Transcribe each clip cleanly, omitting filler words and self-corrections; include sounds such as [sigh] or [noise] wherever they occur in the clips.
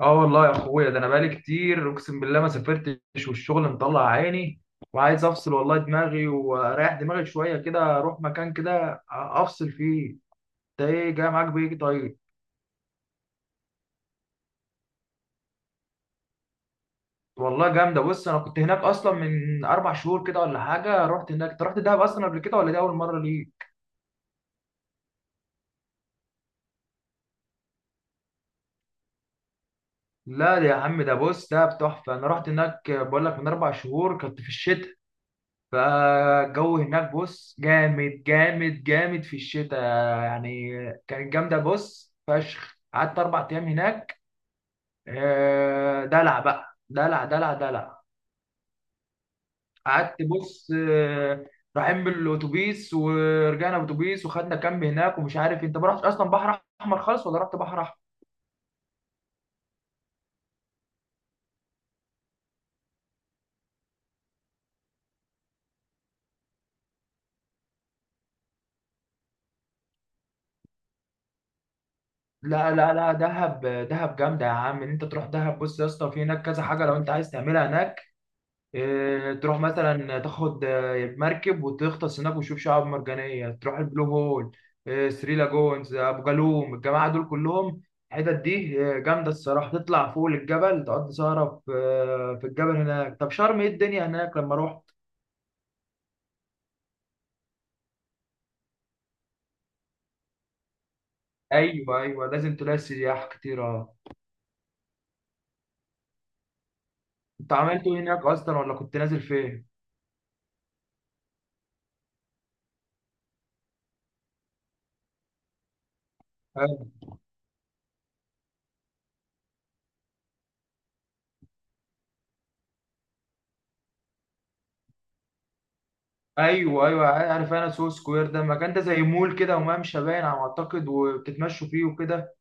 اه والله يا اخويا ده انا بقالي كتير اقسم بالله ما سافرتش والشغل مطلع عيني، وعايز افصل والله دماغي واريح دماغي شويه كده اروح مكان كده افصل فيه. ده ايه جاي معاك بايه؟ طيب. والله جامده، بص انا كنت هناك اصلا من 4 شهور كده ولا حاجه. رحت هناك. انت رحت دهب اصلا قبل كده ولا دي اول مره ليك؟ لا يا عم، ده بص ده تحفه. انا رحت هناك بقول لك من 4 شهور، كنت في الشتاء. فالجو هناك بص جامد جامد جامد في الشتاء. يعني كانت جامدة بص فشخ، قعدت 4 أيام هناك. آه، دلع بقى، دلع دلع دلع. قعدت بص. رايحين بالأتوبيس ورجعنا بالأتوبيس وخدنا كامب هناك ومش عارف إيه. أنت ما رحتش أصلا بحر أحمر خالص ولا رحت بحر أحمر؟ لا لا لا، دهب دهب جامدة يا عم. إن أنت تروح دهب بص يا اسطى، في هناك كذا حاجة لو أنت عايز تعملها هناك. إيه، تروح مثلا تاخد مركب وتغطس هناك وتشوف شعاب مرجانية، تروح البلو هول، إيه، ثري لاجونز، ابو جالوم، الجماعة دول كلهم. الحتت دي جامدة الصراحة. تطلع فوق الجبل تقضي سهرة في الجبل هناك. طب شرم، ايه الدنيا هناك لما رحت؟ ايوه ايوه، لازم تلاقي سياح كتير، اه. انت عملت ايه هناك اصلا ولا كنت نازل فين؟ آه. ايوه ايوه، عارف انا سو سكوير ده، مكان ده زي مول كده وممشى باين على ما اعتقد، وبتتمشوا فيه وكده.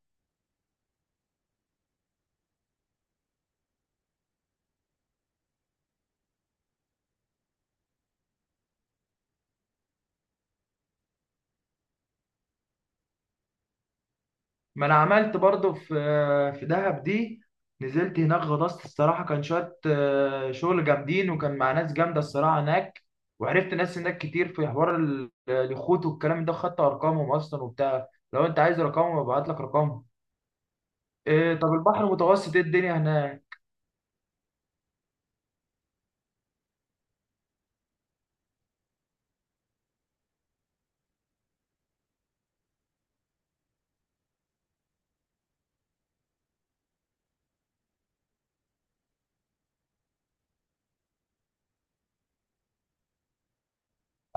ما انا عملت برضو في دهب دي. نزلت هناك غطست الصراحه، كان شويه شغل جامدين، وكان مع ناس جامده الصراحه هناك. وعرفت ناس هناك كتير في حوار اليخوت والكلام ده، خدت ارقامهم اصلا وبتاع. لو انت عايز رقمهم ابعت لك رقمهم. إيه، طب البحر المتوسط ايه الدنيا هناك؟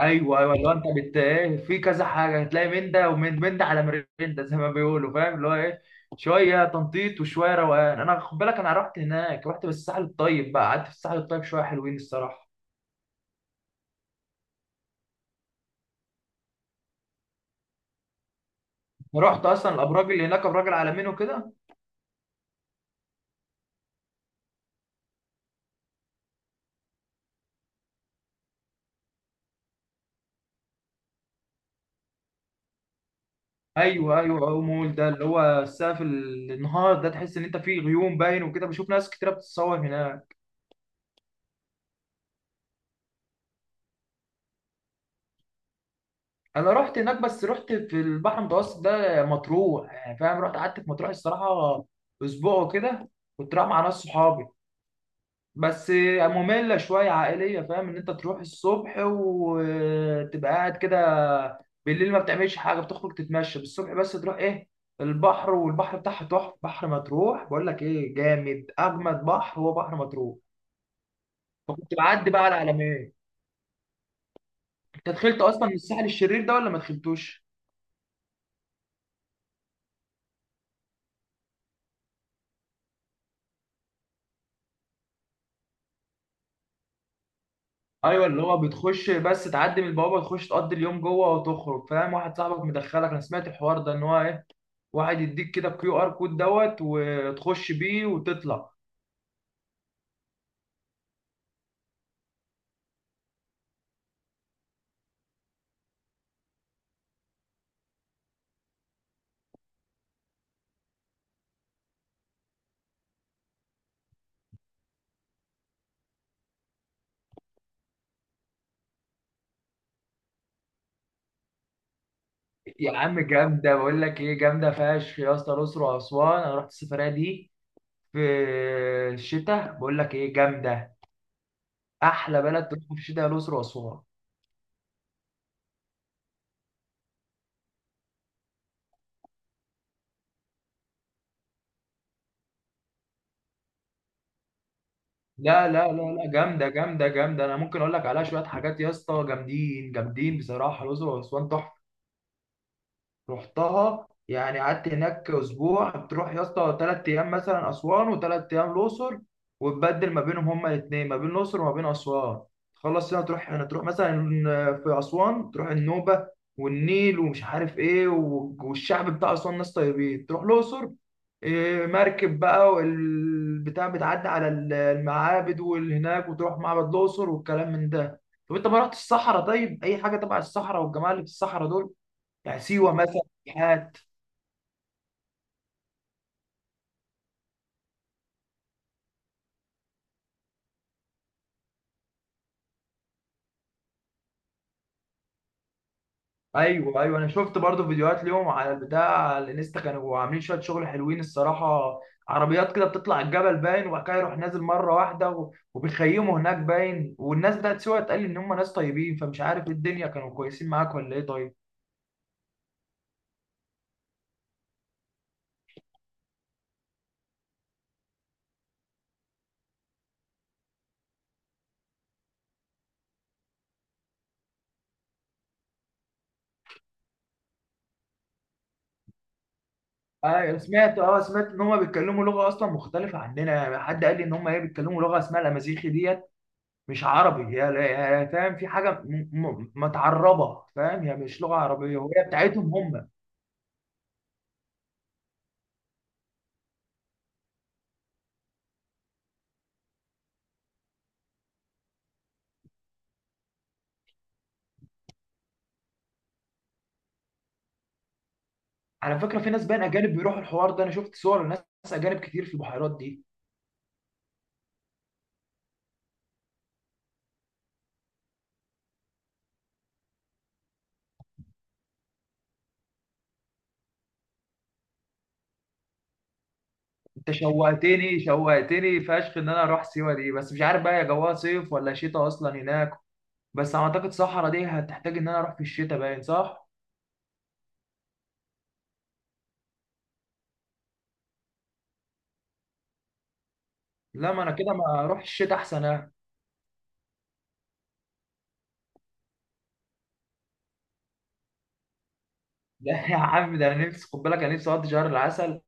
ايوه ايوه، اللي هو انت بت ايه، في كذا حاجه هتلاقي، من ده ومن من ده، على مرندة زي ما بيقولوا، فاهم اللي هو ايه، شويه تنطيط وشويه روقان. انا خد بالك، انا رحت هناك، رحت بالساحل الطيب بقى، قعدت في الساحل الطيب شويه، حلوين الصراحه. رحت اصلا الابراج اللي هناك، ابراج العالمين وكده؟ ايوه ايوه، أو مول ده اللي هو السقف، النهار ده تحس ان انت فيه غيوم باين وكده، بشوف ناس كتيره بتتصور هناك. انا رحت هناك، بس رحت في البحر المتوسط ده مطروح يعني، فاهم. رحت قعدت في مطروح الصراحه اسبوع وكده. كنت رايح مع ناس صحابي بس، مملة شوية عائلية، فاهم ان انت تروح الصبح وتبقى قاعد كده، بالليل ما بتعملش حاجة، بتخرج تتمشى بالصبح بس، تروح ايه البحر. والبحر بتاعها تحفة، بحر مطروح بقول لك ايه، جامد، اجمد بحر هو بحر مطروح. فكنت بعدي بقى على العلمين. انت دخلت اصلا الساحل الشرير ده ولا ما دخلتوش؟ ايوه، اللي هو بتخش بس، تعدي من البوابه تخش تقضي اليوم جوه وتخرج، فاهم، واحد صاحبك مدخلك. انا سمعت الحوار ده، ان هو ايه، واحد يديك كده كيو ار كود دوت، وتخش بيه وتطلع. يا عم جامدة بقول لك ايه، جامدة فشخ يا اسطى، الأقصر وأسوان. أنا رحت السفرية دي في الشتاء، بقول لك ايه جامدة. أحلى بلد تروح في الشتاء هي الأقصر وأسوان. لا لا لا لا، جامدة جامدة جامدة، أنا ممكن أقول لك عليها شوية حاجات يا اسطى جامدين جامدين، بصراحة الأقصر وأسوان تحفة. رحتها يعني، قعدت هناك اسبوع. بتروح يا اسطى 3 ايام مثلا اسوان، وثلاث ايام الاقصر، وتبدل ما بينهم، هما الاثنين ما بين الاقصر وما بين اسوان. تخلص هنا تروح هنا، تروح مثلا في اسوان تروح النوبه والنيل ومش عارف ايه، والشعب بتاع اسوان ناس طيبين. تروح الاقصر، إيه، مركب بقى والبتاع، بتعدي على المعابد والهناك، وتروح معبد الاقصر والكلام من ده. طب انت ما رحتش الصحراء طيب، اي حاجه تبع الصحراء، والجماعه اللي في الصحراء دول، يعني سيوه مثلا، سياحات. ايوه ايوه، انا شفت برضو فيديوهات ليهم على البتاع، على الانستا، كانوا عاملين شويه شغل حلوين الصراحه. عربيات كده بتطلع الجبل باين، وبعد كده يروح نازل مره واحده، وبيخيموا هناك باين. والناس بتاعت سيوه اتقال ان هم ناس طيبين، فمش عارف ايه الدنيا، كانوا كويسين معاك ولا ايه طيب؟ ايوه، سمعت ان هم بيتكلموا لغه اصلا مختلفه عننا، يعني حد قال لي ان هم ايه، بيتكلموا لغه اسمها الامازيغي ديت، مش عربي هي. فاهم، في حاجه متعربه، فاهم، هي مش لغه عربيه، وهي بتاعتهم هم. على فكرة في ناس بقى أجانب بيروحوا الحوار ده، أنا شفت صور لناس أجانب كتير في البحيرات دي. أنت شوقتني شوقتني فشخ إن أنا أروح سيوة دي، بس مش عارف بقى يا جواها صيف ولا شتاء أصلا هناك. بس أعتقد صحرا دي هتحتاج إن أنا أروح في الشتاء، باين صح؟ لا، ما أنا كده ما أروح الشتاء أحسن أنا. [laughs] لا يا عم، ده أنا نفسي خد بالك، أنا نفسي أقضي شهر العسل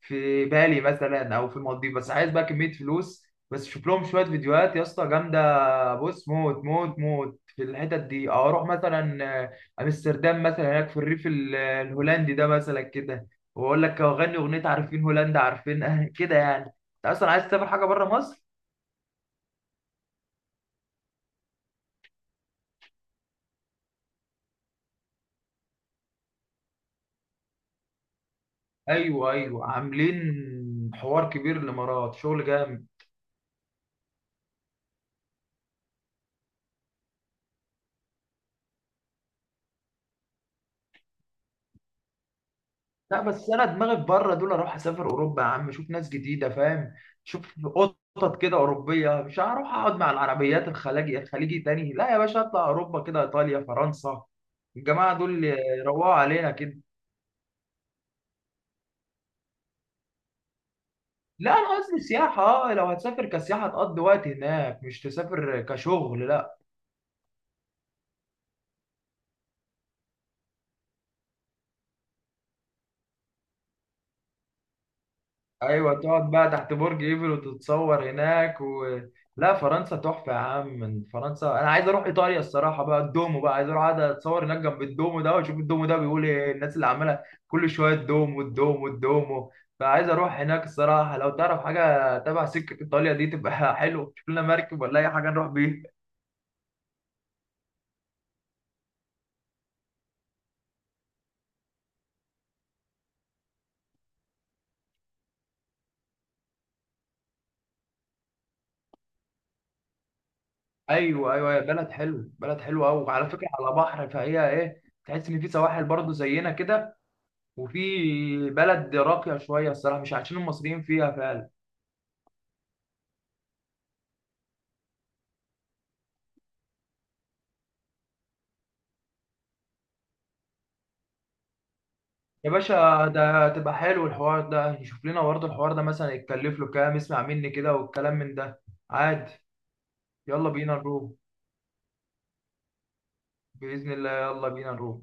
في بالي مثلا، او في المالديف، بس عايز بقى كميه فلوس. بس شوف لهم شويه فيديوهات يا اسطى، جامده بص، موت موت موت في الحتت دي. أو اروح مثلا امستردام مثلا، هناك في الريف الهولندي ده مثلا كده، واقول لك اغني اغنيه، عارفين هولندا، عارفين؟ [laughs] أه كده، يعني انت اصلا عايز تسافر حاجه بره مصر. ايوه ايوه، عاملين حوار كبير، الامارات شغل جامد. لا، بس انا دماغي في بره دول، اروح اسافر اوروبا يا عم، اشوف ناس جديده، فاهم، شوف قطط كده اوروبيه، مش هروح اقعد مع العربيات الخليجي الخليجي تاني، لا يا باشا، اطلع اوروبا كده، ايطاليا، فرنسا، الجماعه دول يروقوا علينا كده. لا انا قصدي سياحه. اه، لو هتسافر كسياحه تقضي وقت هناك، مش تسافر كشغل، لا. ايوه، تقعد بقى تحت برج ايفل وتتصور هناك. و... لا فرنسا تحفه يا عم. من فرنسا انا عايز اروح ايطاليا الصراحه بقى، الدومو بقى، عايز اروح اقعد اتصور هناك جنب الدومو ده، واشوف الدومو ده بيقول ايه، الناس اللي عماله كل شويه الدومو الدومو الدومو. فعايز اروح هناك الصراحه، لو تعرف حاجه تبع سكه ايطاليا دي تبقى [laughs] حلو، تشوف لنا مركب ولا اي حاجه نروح بيها. ايوه ايوه، يا بلد حلوه قوي، وعلى فكره على بحر، فهي ايه، تحس ان في سواحل برضه زينا كده، وفي بلد راقية شوية الصراحة، مش عايشين المصريين فيها فعلا. يا باشا ده تبقى حلو الحوار ده، نشوف لنا برضه الحوار ده مثلا يتكلف له كام، اسمع مني كده، والكلام من ده، عادي. يلا بينا نروح. بإذن الله، يلا بينا نروح.